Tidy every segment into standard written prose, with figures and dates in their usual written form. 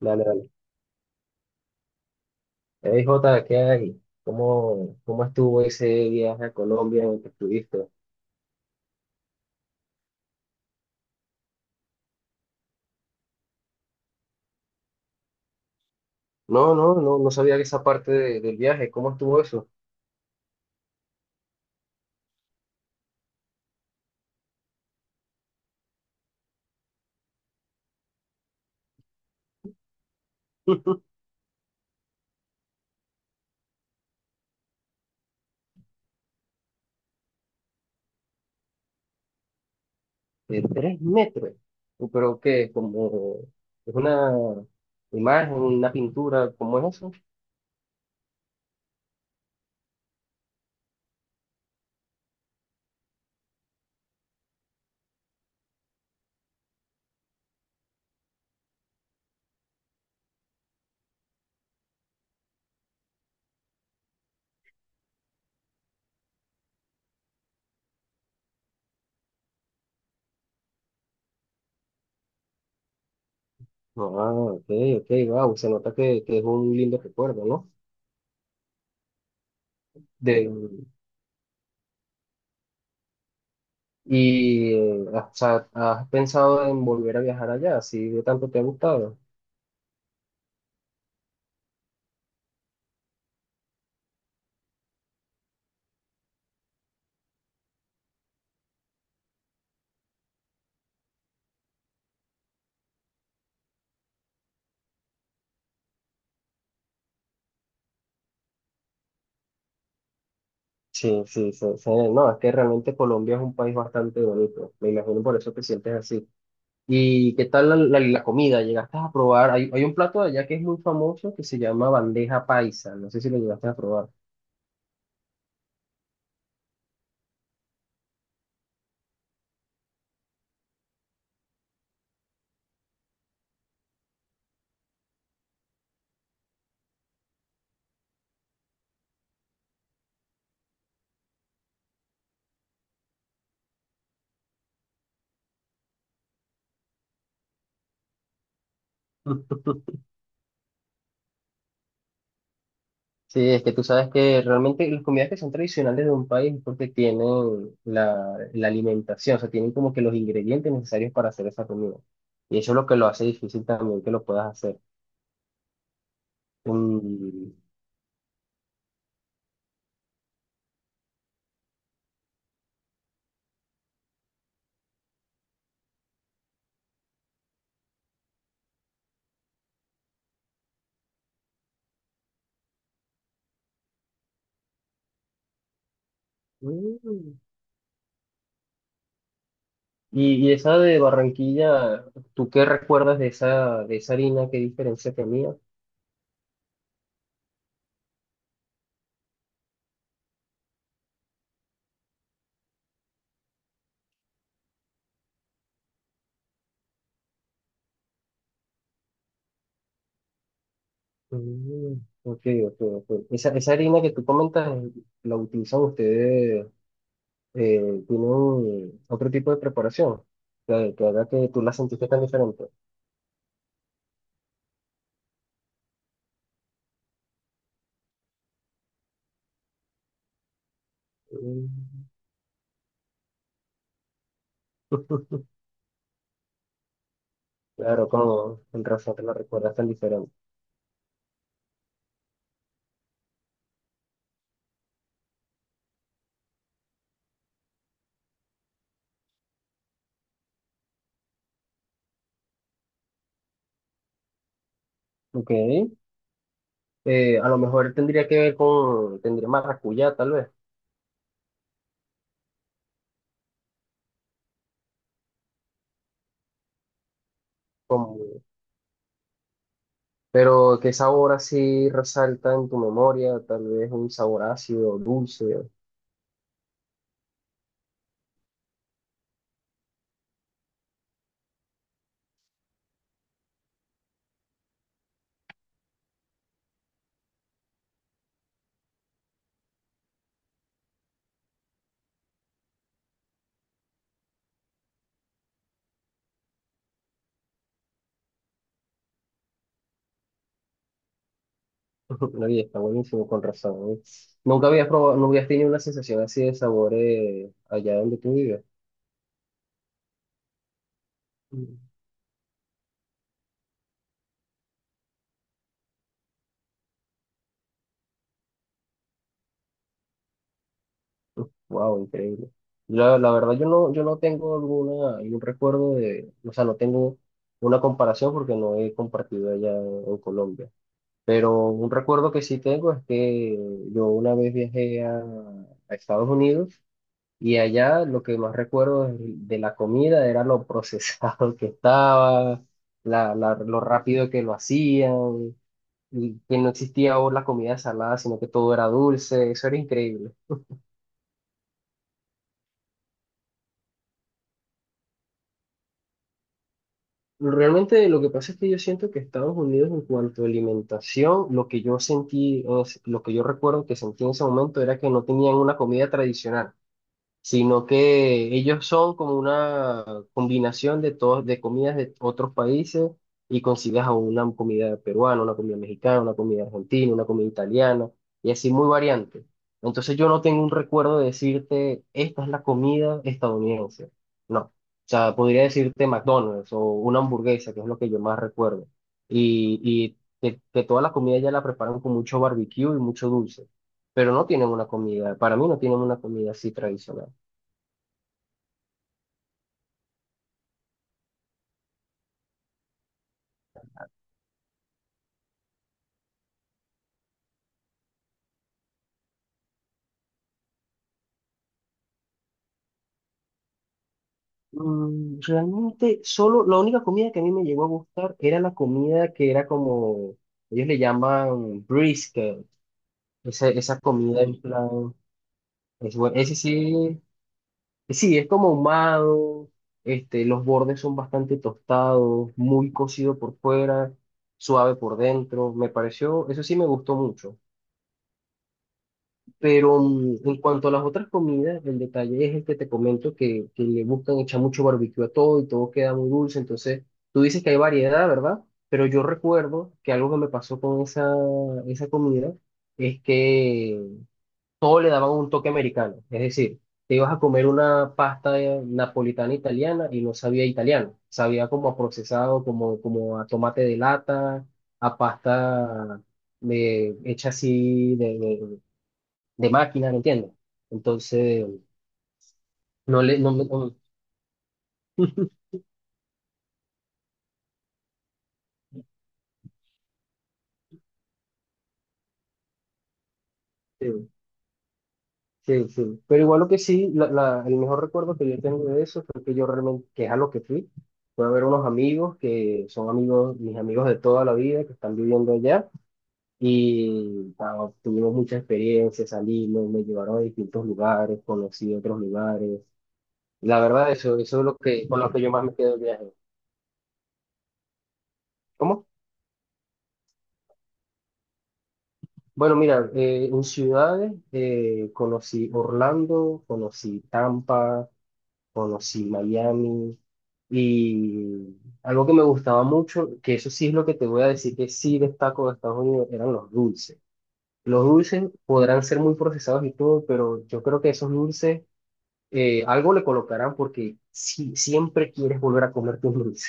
Dale, dale. Ey, Jota, ¿qué hay? ¿Cómo estuvo ese viaje a Colombia en el que estuviste? No, no sabía que esa parte del viaje, ¿cómo estuvo eso? De tres metros. ¿Pero qué? Como es una imagen, una pintura, ¿cómo es eso? No, ah, ok, ok, wow, se nota que es un lindo recuerdo, ¿no? De, o sea, ¿has pensado en volver a viajar allá? Si de tanto te ha gustado. Sí, sí, sí, sí, no, es que realmente Colombia es un país bastante bonito, me imagino por eso te sientes así. ¿Y qué tal la comida? ¿Llegaste a probar? Hay un plato de allá que es muy famoso que se llama bandeja paisa, no sé si lo llegaste a probar. Sí, es que tú sabes que realmente las comidas que son tradicionales de un país es porque tienen la alimentación, o sea, tienen como que los ingredientes necesarios para hacer esa comida. Y eso es lo que lo hace difícil también que lo puedas hacer. Mm, mm. Y esa de Barranquilla, ¿tú qué recuerdas de esa harina? ¿Qué diferencia tenía? Mm, ok, ok, ok. Esa harina que tú comentas, ¿la utilizan ustedes? Eh, ¿Tienen otro tipo de preparación? Que haga que tú la sentiste tan diferente. Mm, claro, como con razón te la recuerdas tan diferente. Ok. A lo mejor tendría que ver con, tendría maracuyá, tal vez. Pero, ¿qué sabor así resalta en tu memoria? Tal vez un sabor ácido, dulce. Nadie está buenísimo, con razón. ¿Eh? Nunca habías probado, nunca habías tenido una sensación así de sabor allá donde tú vives. Wow, increíble. La verdad, yo no, yo no tengo alguna, algún recuerdo de, o sea, no tengo una comparación porque no he compartido allá en Colombia. Pero un recuerdo que sí tengo es que yo una vez viajé a Estados Unidos. Y allá lo que más recuerdo de la comida era lo procesado que estaba, lo rápido que lo hacían, y que no existía ahora la comida salada, sino que todo era dulce, eso era increíble. Realmente lo que pasa es que yo siento que Estados Unidos en cuanto a alimentación, lo que yo sentí, lo que yo recuerdo que sentí en ese momento era que no tenían una comida tradicional, sino que ellos son como una combinación de todos, de comidas de otros países, y consigues a una comida peruana, una comida mexicana, una comida argentina, una comida italiana, y así muy variante. Entonces yo no tengo un recuerdo de decirte, esta es la comida estadounidense. No. O sea, podría decirte McDonald's o una hamburguesa, que es lo que yo más recuerdo. Y que toda la comida ya la preparan con mucho barbecue y mucho dulce. Pero no tienen una comida, para mí no tienen una comida así tradicional. Mm, realmente, solo la única comida que a mí me llegó a gustar era la comida que era como, ellos le llaman brisket, esa comida en plan, ese sí, sí, es como ahumado, este, los bordes son bastante tostados, muy cocido por fuera, suave por dentro, me pareció, eso sí me gustó mucho. Pero mm, en cuanto a las otras comidas, el detalle es el que te comento que le buscan echar mucho barbecue a todo y todo queda muy dulce. Entonces, tú dices que hay variedad, ¿verdad? Pero yo recuerdo que algo que me pasó con esa comida es que todo le daban un toque americano. Es decir, te ibas a comer una pasta napolitana italiana y no sabía italiano. Sabía como a procesado, como, como a tomate de lata, a pasta hecha así de máquina, ¿me entiendes? Entonces, no le, no, me- no- sí, sí, sí. Pero igual lo que sí, el mejor recuerdo que yo tengo de eso fue que yo realmente, que es a lo que fui, fue a ver unos amigos que son amigos, mis amigos de toda la vida, que están viviendo allá, y ah, tuvimos muchas experiencias, salimos, me llevaron a distintos lugares, conocí otros lugares. La verdad, eso es lo que, con lo que yo más me quedo del viaje. ¿Cómo? Bueno, mira, en ciudades conocí Orlando, conocí Tampa, conocí Miami, y algo que me gustaba mucho, que eso sí es lo que te voy a decir que sí destaco de Estados Unidos, eran los dulces. Los dulces podrán ser muy procesados y todo, pero yo creo que esos dulces algo le colocarán porque sí, siempre quieres volver a comerte un dulce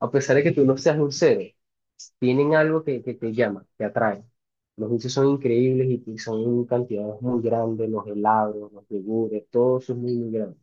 a pesar de que tú no seas dulcero, tienen algo que te llama, te atrae. Los dulces son increíbles y son en cantidades muy grandes, los helados, los yogures, todo eso es muy, muy grande.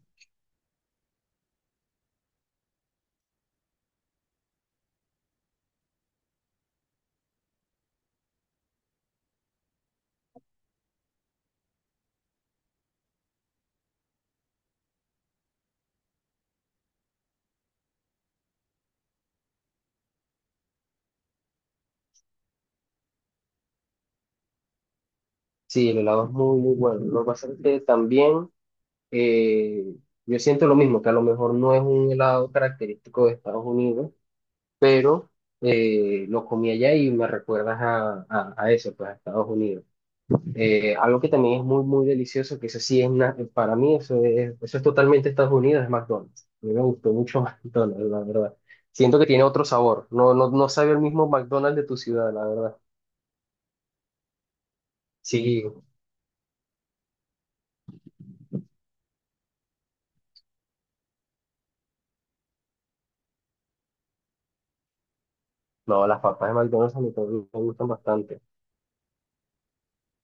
Sí, el helado es muy, muy bueno. Lo que pasa es que también eh, yo siento lo mismo, que a lo mejor no es un helado característico de Estados Unidos, pero lo comí allá y me recuerdas a eso, pues a Estados Unidos. Algo que también es muy, muy delicioso, que eso sí es una, para mí eso es totalmente Estados Unidos, es McDonald's. A mí me gustó mucho McDonald's, la verdad. Siento que tiene otro sabor. No, no, no sabe el mismo McDonald's de tu ciudad, la verdad. Sí, no, las papas de McDonald's a mí también me gustan bastante.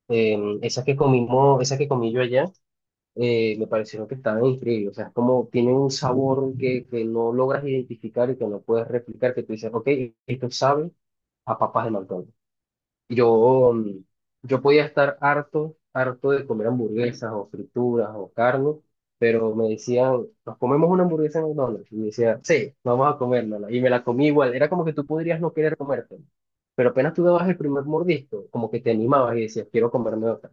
Esas que comimos, esas que comí yo allá, me parecieron que estaban increíbles. O sea, es como tienen un sabor que no logras identificar y que no puedes replicar, que tú dices, ok, esto sabe a papas de McDonald's. Yo, mm, yo podía estar harto, harto de comer hamburguesas o frituras o carne, pero me decían, nos comemos una hamburguesa en McDonald's. Y me decía, sí, vamos a comérnosla. Y me la comí igual. Era como que tú podrías no querer comértela. Pero apenas tú dabas el primer mordisco, como que te animabas y decías, quiero comerme otra.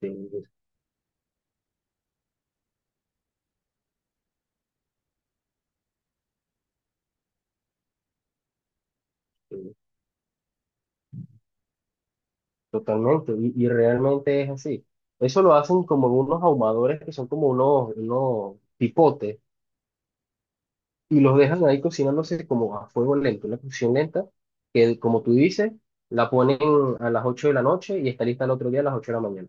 Sí, sí, totalmente. Y realmente es así. Eso lo hacen como en unos ahumadores que son como unos, unos pipotes y los dejan ahí cocinándose como a fuego lento, una cocción lenta, que como tú dices, la ponen a las 8 de la noche y está lista el otro día a las 8 de la mañana.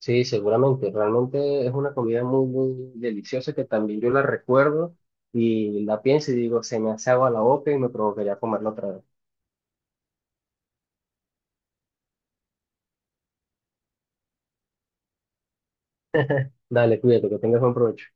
Sí, seguramente, realmente es una comida muy, muy deliciosa que también yo la recuerdo y la pienso y digo, se me hace agua la boca y me provocaría comerla otra vez. Dale, cuídate, que tengas buen provecho.